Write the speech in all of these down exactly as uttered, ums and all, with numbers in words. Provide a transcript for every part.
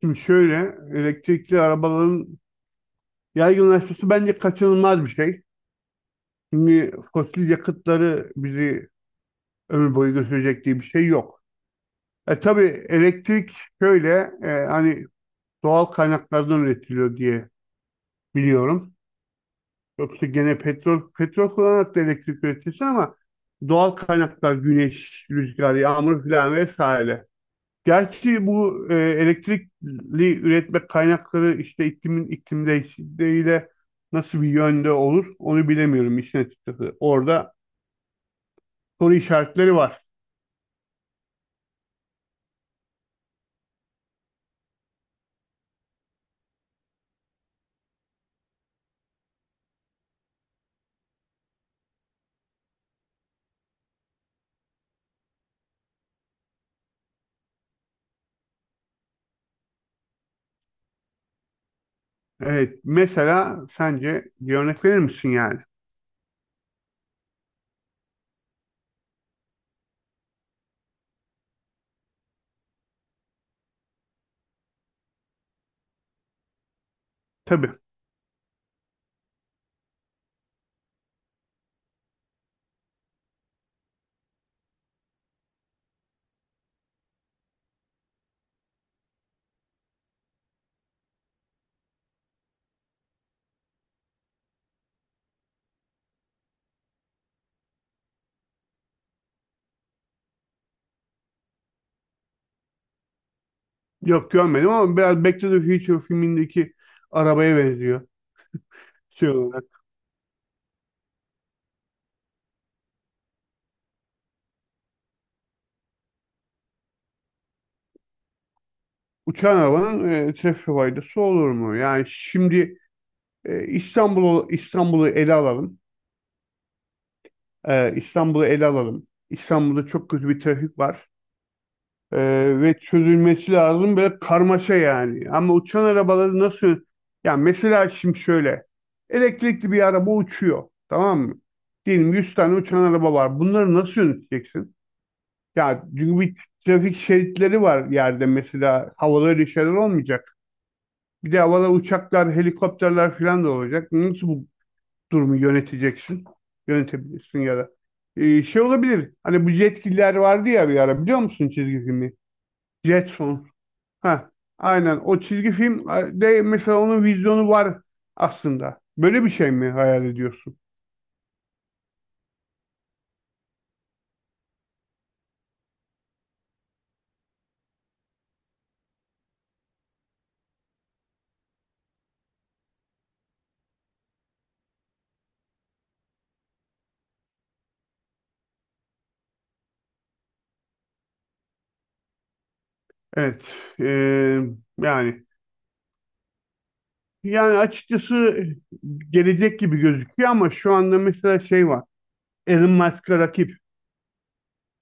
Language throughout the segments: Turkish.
Şimdi şöyle elektrikli arabaların yaygınlaşması bence kaçınılmaz bir şey. Şimdi fosil yakıtları bizi ömür boyu götürecek diye bir şey yok. E tabii elektrik şöyle e, hani doğal kaynaklardan üretiliyor diye biliyorum. Yoksa gene petrol petrol kullanarak da elektrik üretilse ama doğal kaynaklar güneş, rüzgar, yağmur filan vesaire. Gerçi bu e, elektrikli üretme kaynakları işte iklimin iklim değişikliğiyle nasıl bir yönde olur onu bilemiyorum işin açıkçası. Orada soru işaretleri var. Evet mesela sence bir örnek verir misin yani? Tabii. Yok görmedim ama biraz Back to the Future filmindeki arabaya benziyor. Şey olarak. Uçan arabanın e, trafik faydası olur mu? Yani şimdi e, İstanbul'u İstanbul'u ele alalım. Ee, İstanbul'u ele alalım. İstanbul'da çok kötü bir trafik var. Ee, ve çözülmesi lazım böyle karmaşa yani. Ama uçan arabaları nasıl... Ya mesela şimdi şöyle. Elektrikli bir araba uçuyor. Tamam mı? Diyelim yüz tane uçan araba var. Bunları nasıl yöneteceksin? Ya çünkü bir trafik şeritleri var yerde mesela. Havada öyle şeyler olmayacak. Bir de havada uçaklar, helikopterler falan da olacak. Nasıl bu durumu yöneteceksin. Yönetebilirsin ya da. Ee, şey olabilir. Hani bu Jetgiller vardı ya bir ara biliyor musun çizgi filmi? Jetson. Ha, aynen. O çizgi film de mesela onun vizyonu var aslında. Böyle bir şey mi hayal ediyorsun? Evet. Ee, yani yani açıkçası e, gelecek gibi gözüküyor ama şu anda mesela şey var. Elon Musk'a rakip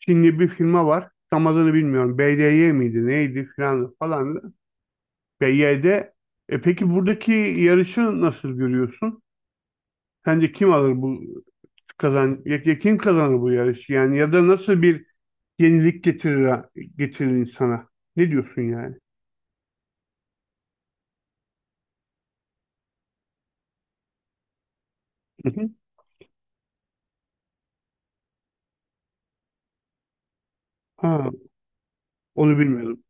Çinli bir firma var. Tam adını bilmiyorum. B D Y miydi neydi filan falan. B Y D. E peki buradaki yarışı nasıl görüyorsun? Sence kim alır bu kazan ya, ya kim kazanır bu yarışı? Yani ya da nasıl bir yenilik getirir getirir insana? Ne diyorsun yani? Hı hı. Ha, onu bilmiyordum.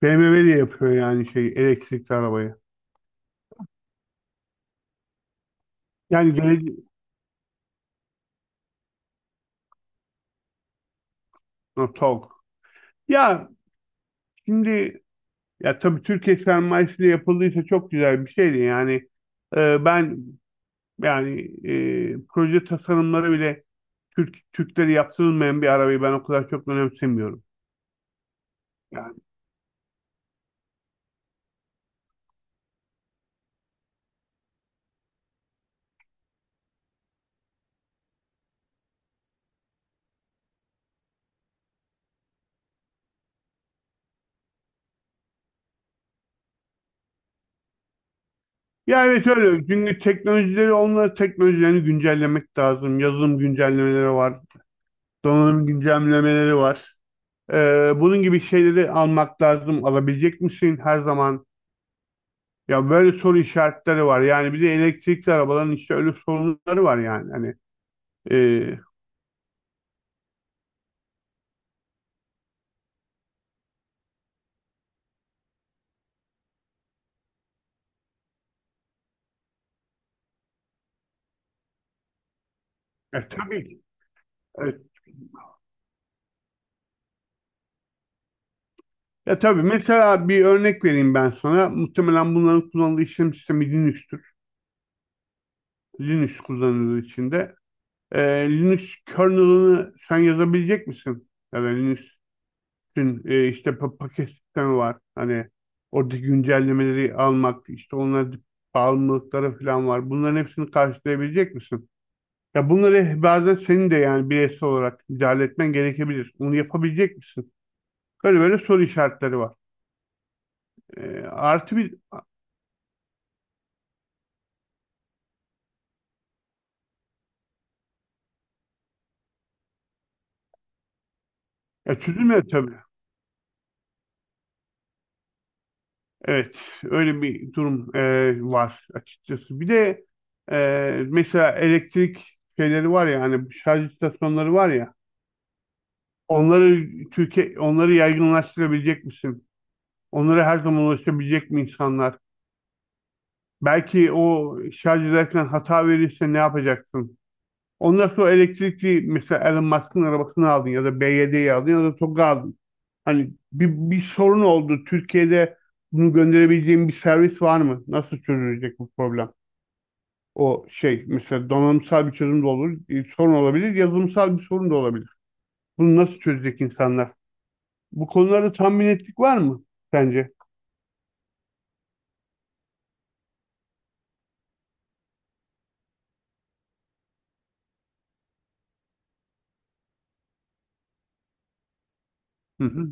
B M W de yapıyor yani şey elektrikli arabayı. Yani gelecek no, Togg. Ya şimdi ya tabii Türkiye sermayesiyle yapıldıysa çok güzel bir şeydi yani. E, ben yani e, proje tasarımları bile Türk Türkleri yaptırılmayan bir arabayı ben o kadar çok önemsemiyorum. Yani, ya evet öyle. Çünkü teknolojileri onları teknolojilerini güncellemek lazım. Yazılım güncellemeleri var. Donanım güncellemeleri var. Ee, bunun gibi şeyleri almak lazım. Alabilecek misin her zaman? Ya böyle soru işaretleri var. Yani bir de elektrikli arabaların işte öyle sorunları var yani. Hani e, e, tabii ki. Evet. Ya tabii mesela bir örnek vereyim ben sana. Muhtemelen bunların kullanıldığı işlem sistemi Linux'tür. Linux kullanıldığı içinde. Ee, Linux kernel'ını sen yazabilecek misin? Ya da Linux'ün e, işte pa- paket sistemi var. Hani oradaki güncellemeleri almak, işte onlara bağımlılıkları falan var. Bunların hepsini karşılayabilecek misin? Ya bunları bazen senin de yani bireysel olarak müdahale etmen gerekebilir. Onu yapabilecek misin? Böyle böyle soru işaretleri var. Ee, artı bir ya çözülmüyor tabii. Evet, öyle bir durum e, var açıkçası. Bir de e, mesela elektrik şeyleri var ya hani şarj istasyonları var ya onları Türkiye onları yaygınlaştırabilecek misin? Onlara her zaman ulaşabilecek mi insanlar? Belki o şarj ederken hata verirse ne yapacaksın? Ondan sonra elektrikli mesela Elon Musk'ın arabasını aldın ya da B Y D'yi aldın ya da Togg'u aldın. Hani bir, bir sorun oldu. Türkiye'de bunu gönderebileceğim bir servis var mı? Nasıl çözülecek bu problem? O şey mesela donanımsal bir çözüm de olur, e, sorun olabilir, yazılımsal bir sorun da olabilir. Bunu nasıl çözecek insanlar? Bu konularda tam bir var mı sence? Hı hı.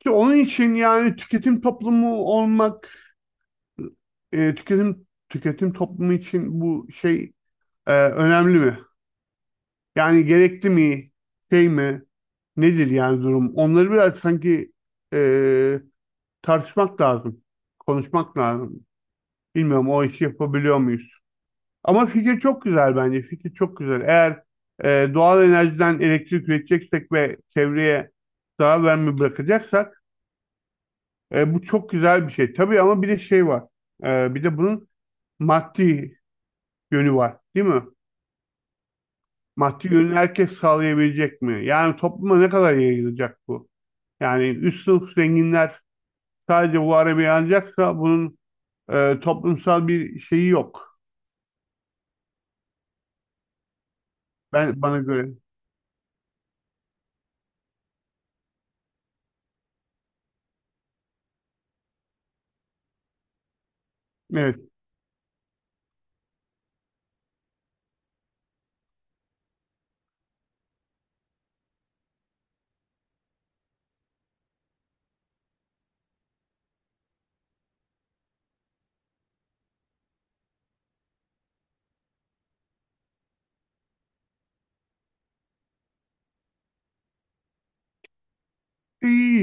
İşte onun için yani tüketim toplumu olmak, e, tüketim tüketim toplumu için bu şey e, önemli mi? Yani gerekli mi? Şey mi? Nedir yani durum? Onları biraz sanki e, tartışmak lazım, konuşmak lazım. Bilmiyorum o işi yapabiliyor muyuz? Ama fikir çok güzel bence. Fikir çok güzel. Eğer e, doğal enerjiden elektrik üreteceksek ve çevreye zarar verme bırakacaksak e, bu çok güzel bir şey. Tabii ama bir de şey var. E, bir de bunun maddi yönü var, değil mi? Maddi yönü herkes sağlayabilecek mi? Yani topluma ne kadar yayılacak bu? Yani üst sınıf zenginler sadece bu arabayı alacaksa bunun e, toplumsal bir şeyi yok. Ben bana göre. Evet.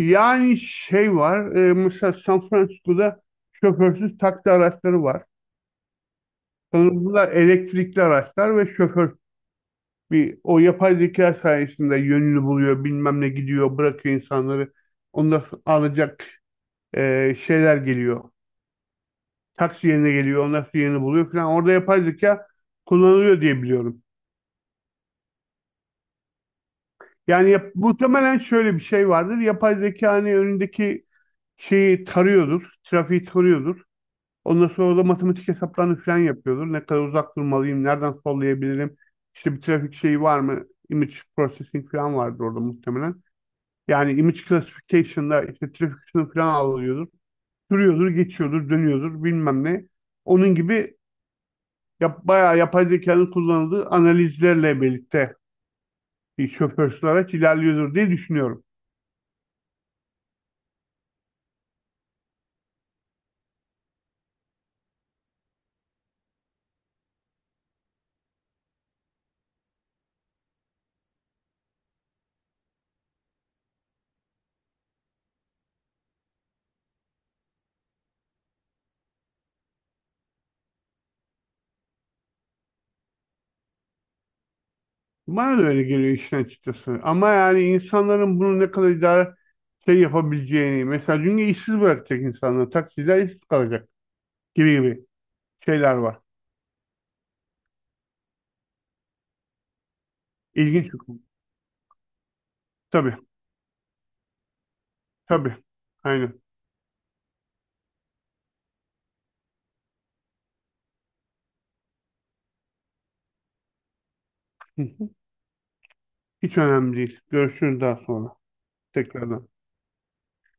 Yani şey var, e, mesela San Francisco'da şoförsüz taksi araçları var. Sanırım bunlar elektrikli araçlar ve şoför bir o yapay zeka sayesinde yönünü buluyor, bilmem ne gidiyor, bırakıyor insanları. Ondan sonra alacak e, şeyler geliyor. Taksi yerine geliyor, ondan sonra yerini buluyor falan. Orada yapay zeka kullanılıyor diye biliyorum. Yani yap- muhtemelen şöyle bir şey vardır. Yapay zeka hani önündeki şeyi tarıyordur, trafiği tarıyordur. Ondan sonra da matematik hesaplarını falan yapıyordur. Ne kadar uzak durmalıyım, nereden sollayabilirim, işte bir trafik şeyi var mı, image processing falan vardır orada muhtemelen. Yani image classification'da işte trafik ışını falan alıyordur. Sürüyordur, geçiyordur, dönüyordur bilmem ne. Onun gibi yap, bayağı yapay zekanın kullanıldığı analizlerle birlikte bir şoförsüz araç ilerliyordur diye düşünüyorum. Bana da öyle geliyor işin açıkçası. Ama yani insanların bunu ne kadar idare şey yapabileceğini, mesela çünkü işsiz bırakacak insanları, taksiciler işsiz kalacak gibi gibi şeyler var. İlginç bir konu. Tabii, tabii. Aynen. Hiç önemli değil. Görüşürüz daha sonra. Tekrardan.